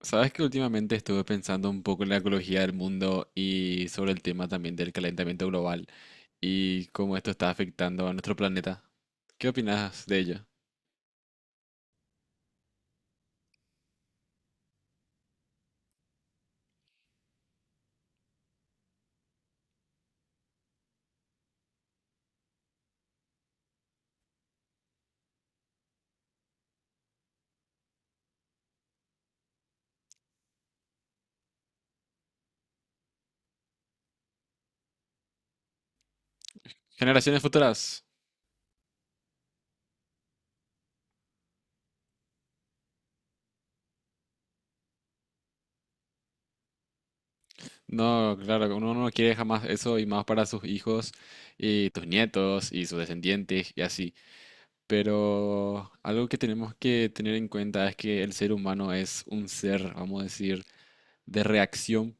Sabes que últimamente estuve pensando un poco en la ecología del mundo y sobre el tema también del calentamiento global y cómo esto está afectando a nuestro planeta. ¿Qué opinas de ello? Generaciones futuras. No, claro, uno no quiere jamás eso y más para sus hijos y tus nietos y sus descendientes y así. Pero algo que tenemos que tener en cuenta es que el ser humano es un ser, vamos a decir, de reacción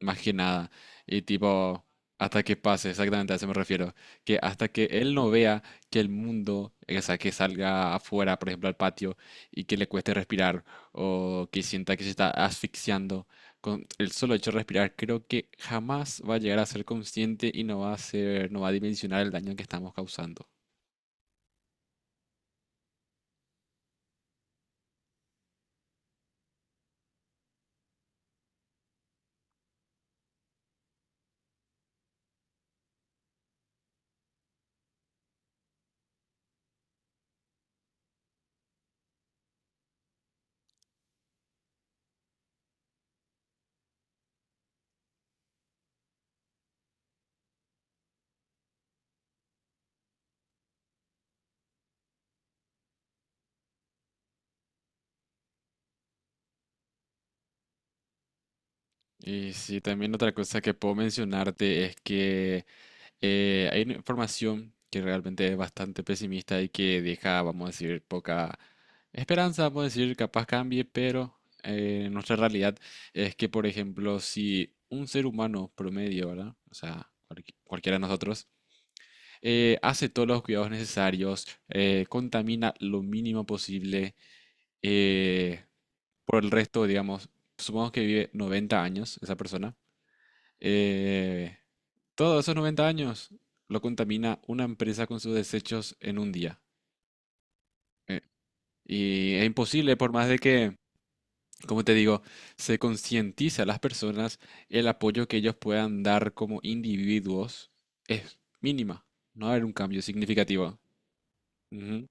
más que nada. Y tipo, hasta que pase, exactamente a eso me refiero. Que hasta que él no vea que el mundo, o sea, que salga afuera, por ejemplo, al patio, y que le cueste respirar, o que sienta que se está asfixiando, con el solo hecho de respirar, creo que jamás va a llegar a ser consciente y no va a ser, no va a dimensionar el daño que estamos causando. Y sí, también otra cosa que puedo mencionarte es que hay una información que realmente es bastante pesimista y que deja, vamos a decir, poca esperanza, vamos a decir, capaz cambie, pero nuestra realidad es que, por ejemplo, si un ser humano promedio, ¿verdad? O sea, cualquiera de nosotros, hace todos los cuidados necesarios, contamina lo mínimo posible, eh, por el resto, digamos, supongamos que vive 90 años esa persona. eh, Todos esos 90 años lo contamina una empresa con sus desechos en un día. Eh, Y es imposible, por más de que, como te digo, se concientice a las personas, el apoyo que ellos puedan dar como individuos es mínima. No va a haber un cambio significativo. Ujú.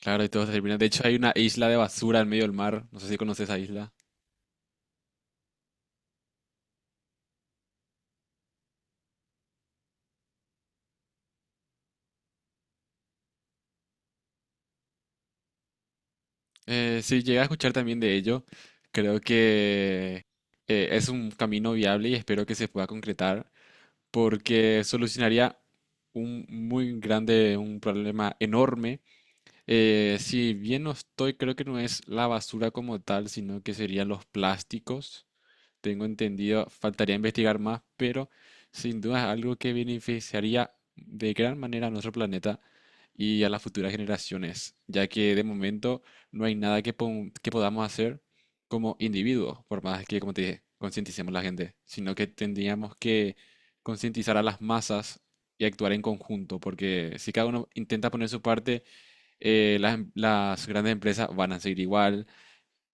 Claro, y todo se termina. De hecho, hay una isla de basura en medio del mar. No sé si conoces esa isla. Si llegué a escuchar también de ello, creo que es un camino viable y espero que se pueda concretar porque solucionaría un muy grande, un problema enorme. Si bien no estoy, creo que no es la basura como tal, sino que serían los plásticos. Tengo entendido, faltaría investigar más, pero sin duda es algo que beneficiaría de gran manera a nuestro planeta y a las futuras generaciones, ya que de momento no hay nada que, que podamos hacer como individuos, por más que, como te dije, concienticemos a la gente, sino que tendríamos que concientizar a las masas y actuar en conjunto, porque si cada uno intenta poner su parte, las, las grandes empresas van a seguir igual,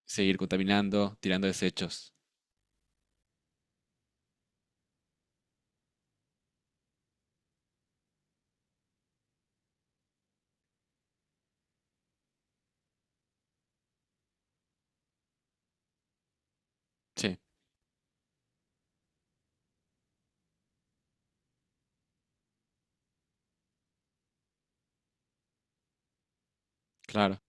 seguir contaminando, tirando desechos. Sí, claro.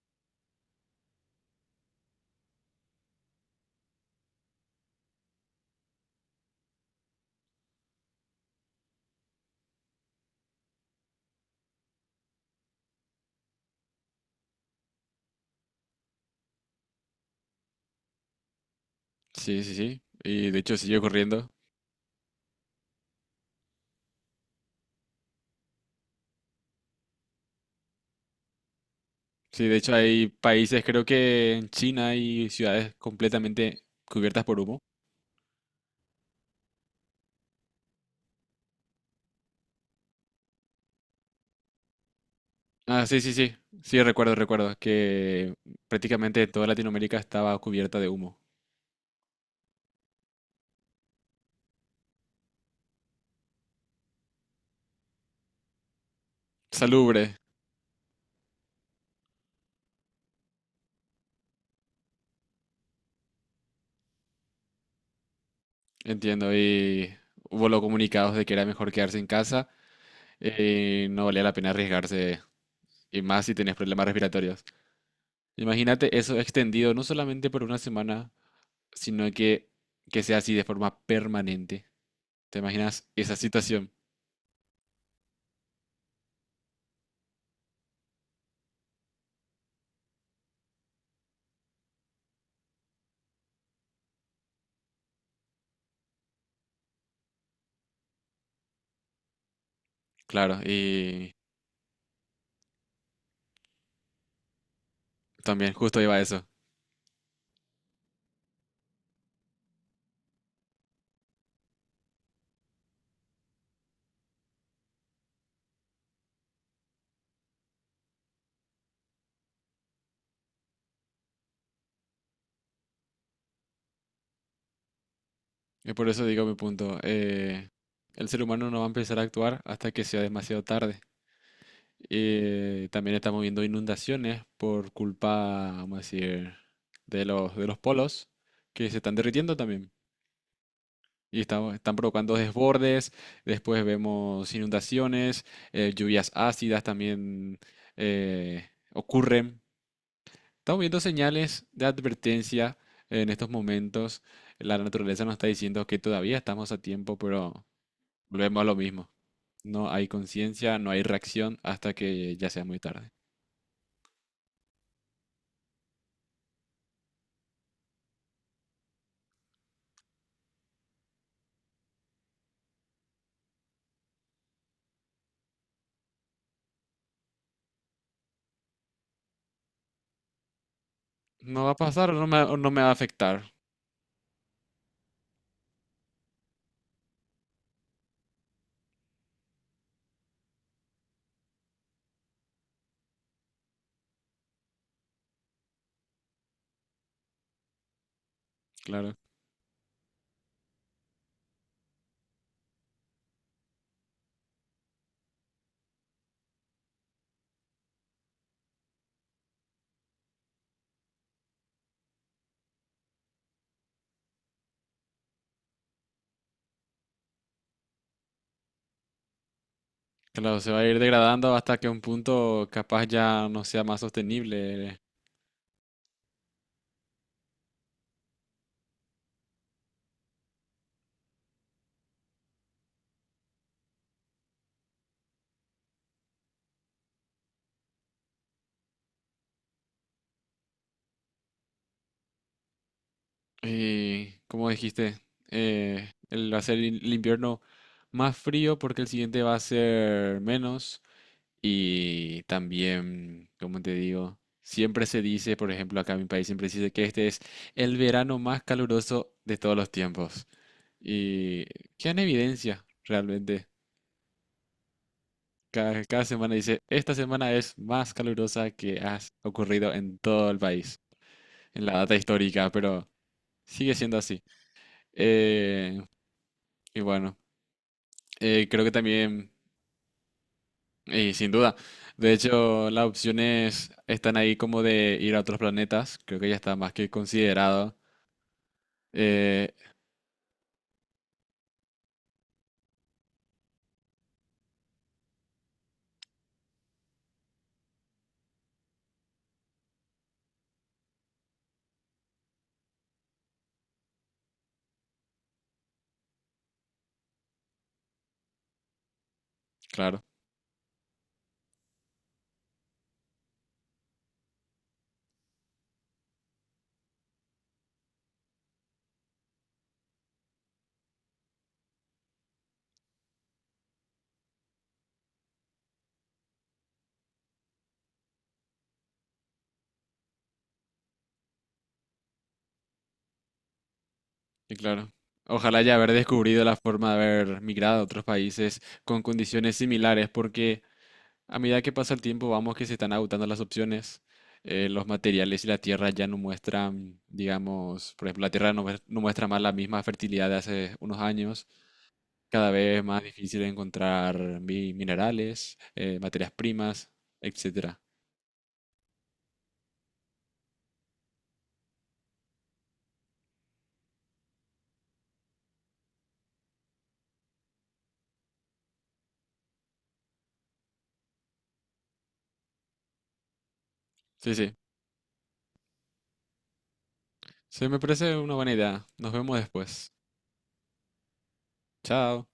Sí, sí, sí. Y de hecho sigue ocurriendo. Sí, de hecho hay países, creo que en China hay ciudades completamente cubiertas por humo. Ah, sí, sí, sí. Sí, recuerdo, recuerdo que prácticamente toda Latinoamérica estaba cubierta de humo. Salubre, entiendo. Y hubo los comunicados de que era mejor quedarse en casa y no valía la pena arriesgarse. Y más si tenés problemas respiratorios. Imagínate eso extendido no solamente por una semana, sino que sea así de forma permanente. ¿Te imaginas esa situación? Claro, y también justo iba a eso. Y por eso digo mi punto. El ser humano no va a empezar a actuar hasta que sea demasiado tarde. También estamos viendo inundaciones por culpa, vamos a decir, de los polos que se están derritiendo también. Y estamos, están provocando desbordes, después vemos inundaciones, lluvias ácidas también eh, ocurren. Estamos viendo señales de advertencia en estos momentos. La naturaleza nos está diciendo que todavía estamos a tiempo, pero volvemos a lo mismo. No hay conciencia, no hay reacción hasta que ya sea muy tarde. No va a pasar o no me va a afectar. Claro, claro, se va a ir degradando hasta que un punto capaz ya no sea más sostenible. Como dijiste, va a ser el invierno más frío porque el siguiente va a ser menos. Y también, como te digo, siempre se dice, por ejemplo, acá en mi país siempre se dice que este es el verano más caluroso de todos los tiempos. Y queda en evidencia, realmente. Cada, cada semana dice, esta semana es más calurosa que ha ocurrido en todo el país, en la data histórica, pero sigue siendo así. Eh, y bueno. Creo que también, y sin duda. De hecho, las opciones están ahí como de ir a otros planetas. Creo que ya está más que considerado. Eh, claro, y claro. Ojalá ya haber descubrido la forma de haber migrado a otros países con condiciones similares, porque a medida que pasa el tiempo vamos que se están agotando las opciones. Los materiales y la tierra ya no muestran, digamos, por ejemplo, la tierra no, no muestra más la misma fertilidad de hace unos años. Cada vez más difícil encontrar minerales, materias primas, etcétera. Sí, sí. Sí, me parece una buena idea. Nos vemos después. Chao.